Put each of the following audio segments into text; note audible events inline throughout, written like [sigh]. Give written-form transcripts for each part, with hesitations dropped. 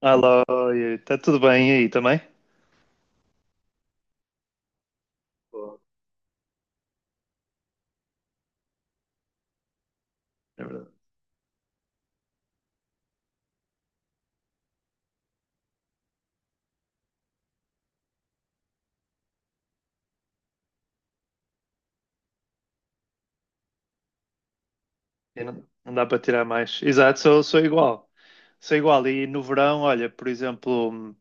Alô, está tudo bem aí também? Pô, é verdade. Não, não dá para tirar mais. Exato, sou, sou igual. Sou igual. E no verão, olha, por exemplo,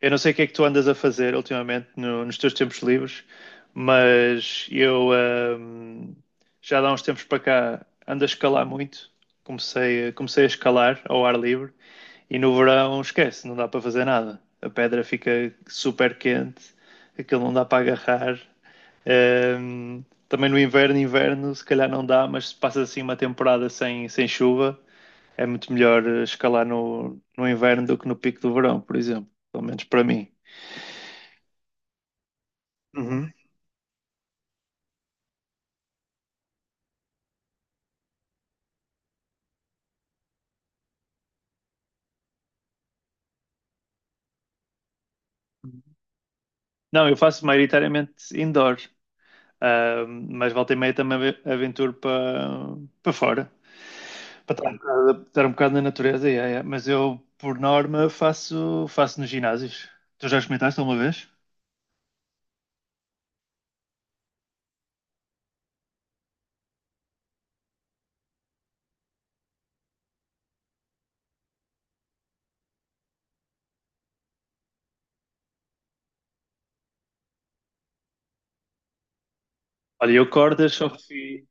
eu não sei o que é que tu andas a fazer ultimamente nos teus tempos livres, mas eu, já há uns tempos para cá ando a escalar muito. Comecei, comecei a escalar ao ar livre e no verão esquece, não dá para fazer nada. A pedra fica super quente, aquilo não dá para agarrar. Um, Também no inverno, inverno, se calhar não dá, mas se passas assim uma temporada sem chuva, é muito melhor escalar no inverno do que no pico do verão, por exemplo. Pelo menos para mim. Uhum. Não, eu faço maioritariamente indoor, mas volta e meia também aventuro para para fora, para estar um bocado na natureza. Yeah, yeah. Mas eu, por norma, faço, faço nos ginásios. Tu já experimentaste alguma vez? Olha, eu cordas só fiz.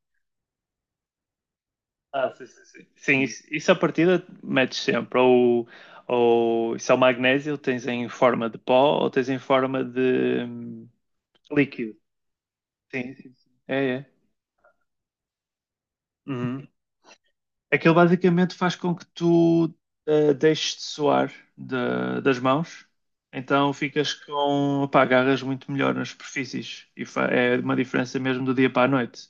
Ah, sim, sim, sim. Sim, isso à partida metes sempre. Ou isso é o magnésio, tens em forma de pó ou tens em forma de líquido. Sim, sim, sim. É, é. Uhum. Aquilo basicamente faz com que tu deixes de suar das mãos, então ficas com, pá, agarras muito melhor nas superfícies e é uma diferença mesmo do dia para a noite.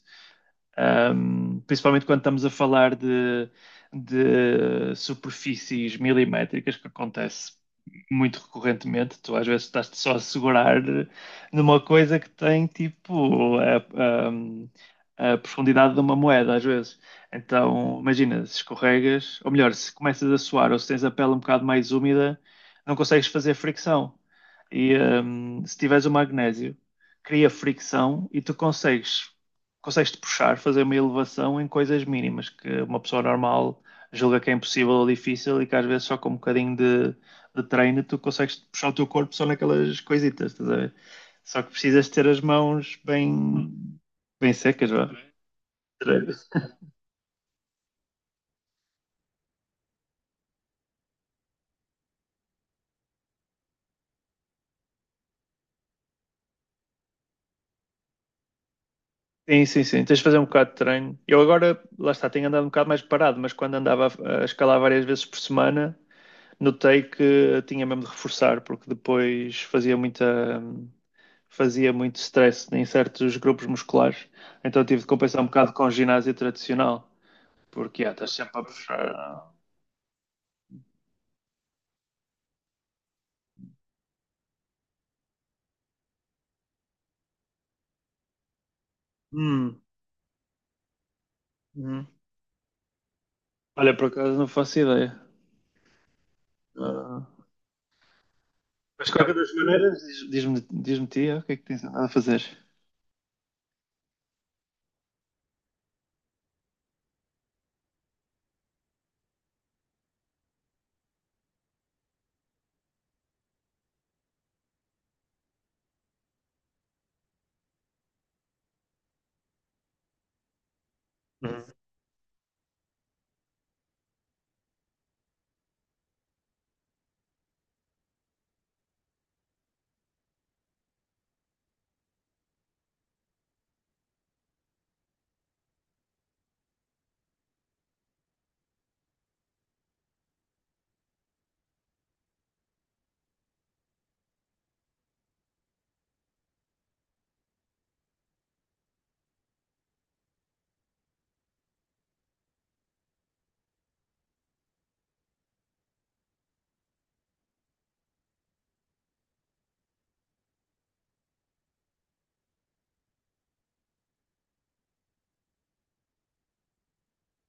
Principalmente quando estamos a falar de superfícies milimétricas, que acontece muito recorrentemente. Tu às vezes estás só a segurar numa coisa que tem tipo a- a profundidade de uma moeda, às vezes. Então, imagina, se escorregas, ou melhor, se começas a suar ou se tens a pele um bocado mais úmida, não consegues fazer fricção. E se tiveres o magnésio, cria fricção e tu consegues consegues-te puxar, fazer uma elevação em coisas mínimas que uma pessoa normal julga que é impossível ou difícil e que às vezes só com um bocadinho de treino tu consegues puxar o teu corpo só naquelas coisitas, estás a ver? Só que precisas ter as mãos bem, bem secas, vá. Sim, sim, sim. Tens de fazer um bocado de treino. Eu agora, lá está, tenho andado um bocado mais parado, mas quando andava a escalar várias vezes por semana, notei que tinha mesmo de reforçar, porque depois fazia fazia muito stress em certos grupos musculares, então tive de compensar um bocado com ginásio tradicional, porque yeah, estás sempre a puxar. Hum, hum. Olha, por acaso não faço ideia. Ah, mas de qualquer das maneiras, diz-me tia, o que é que tens andado a fazer?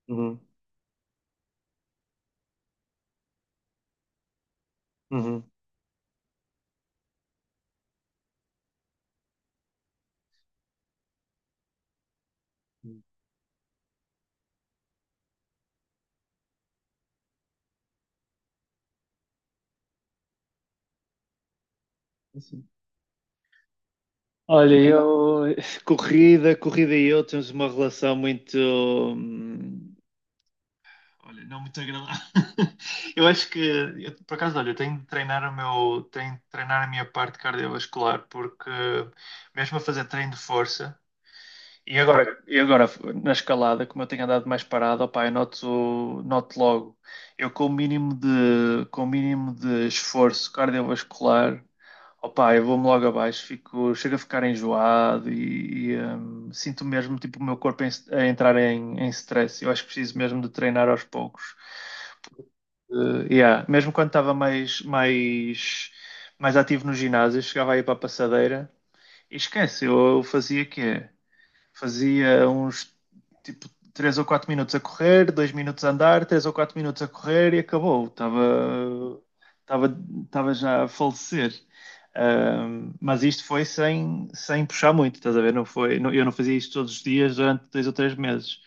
Uhum, uhum. Hum. Assim. Olha, então, eu, corrida, corrida e eu temos uma relação muito, olha, não muito agradável. [laughs] Eu acho eu, por acaso, olha, eu tenho de treinar o meu, tenho de treinar a minha parte cardiovascular, porque mesmo a fazer treino de força, e agora, e agora na escalada, como eu tenho andado mais parado, opá, eu noto, noto logo. Eu com o mínimo com o mínimo de esforço cardiovascular, opá, eu vou-me logo abaixo, fico, chego a ficar enjoado e, sinto mesmo tipo, o meu corpo a entrar em stress. Eu acho que preciso mesmo de treinar aos poucos. Yeah. Mesmo quando estava mais ativo no ginásio, eu chegava aí para a passadeira e esquece, eu fazia o quê? Fazia uns tipo 3 ou 4 minutos a correr, 2 minutos a andar, 3 ou 4 minutos a correr e acabou. Estava, Estava já a falecer. Mas isto foi sem puxar muito, estás a ver? Não foi, não, eu não fazia isto todos os dias durante dois ou três meses.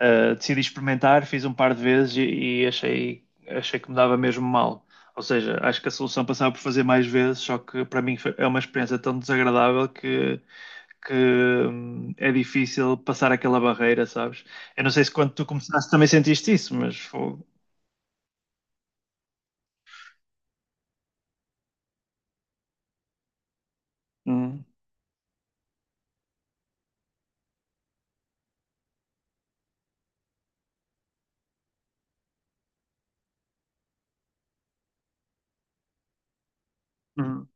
Decidi experimentar, fiz um par de vezes e, achei que me dava mesmo mal. Ou seja, acho que a solução passava por fazer mais vezes, só que para mim foi, é uma experiência tão desagradável que é difícil passar aquela barreira, sabes? Eu não sei se quando tu começaste também sentiste isso, mas fogo. Hum, hum.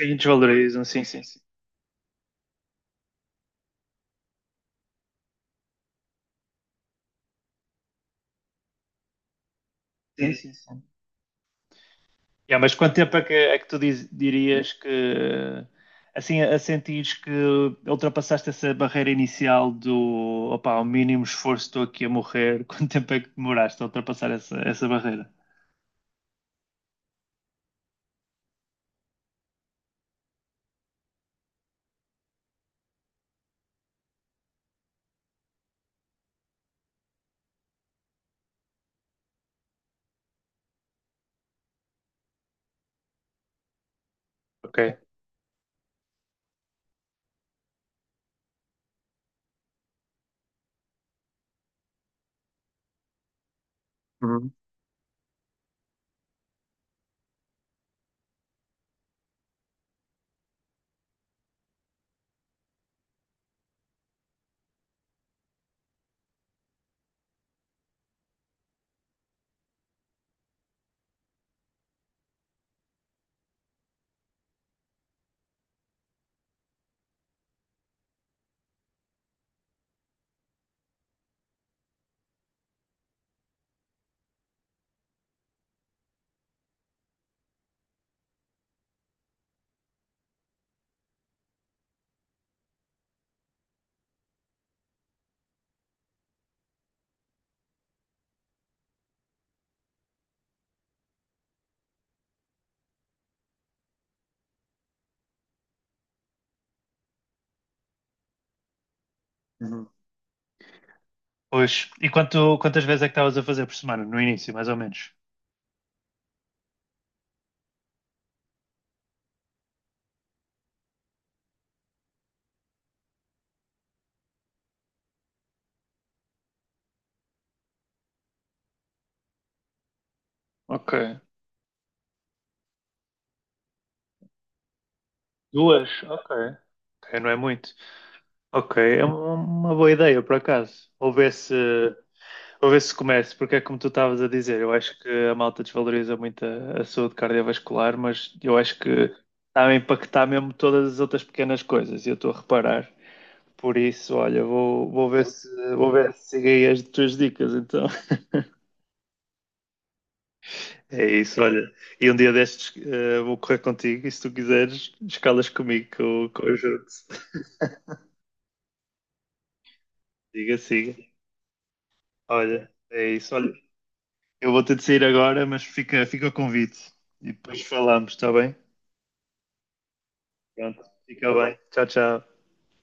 Sim, desvalorizam, sim, sim, sim. Sim, sim, sim. Yeah, mas quanto tempo é é que tu dirias que assim a sentires que ultrapassaste essa barreira inicial do opá, ao mínimo esforço estou aqui a morrer, [laughs] quanto tempo é que demoraste a ultrapassar essa barreira? Ok. Uhum. Uhum. Pois. E quantas vezes é que estavas a fazer por semana? No início, mais ou menos? Ok. Duas? Ok. Ok, não é muito. Ok, é uma boa ideia, por acaso. Ou ver se. Para ver se começa, porque é como tu estavas a dizer, eu acho que a malta desvaloriza muito a saúde cardiovascular, mas eu acho que está a impactar mesmo todas as outras pequenas coisas, e eu estou a reparar. Por isso, olha, vou ver se sigo aí as tuas dicas, então. [laughs] É isso, olha. E um dia destes vou correr contigo e se tu quiseres, escalas comigo que que eu ajudo. [laughs] Siga, siga. Olha, é isso, olha. Eu vou ter de sair agora, mas fica, fica o convite. E depois falamos, está bem? Pronto, fica bem. Tchau, tchau.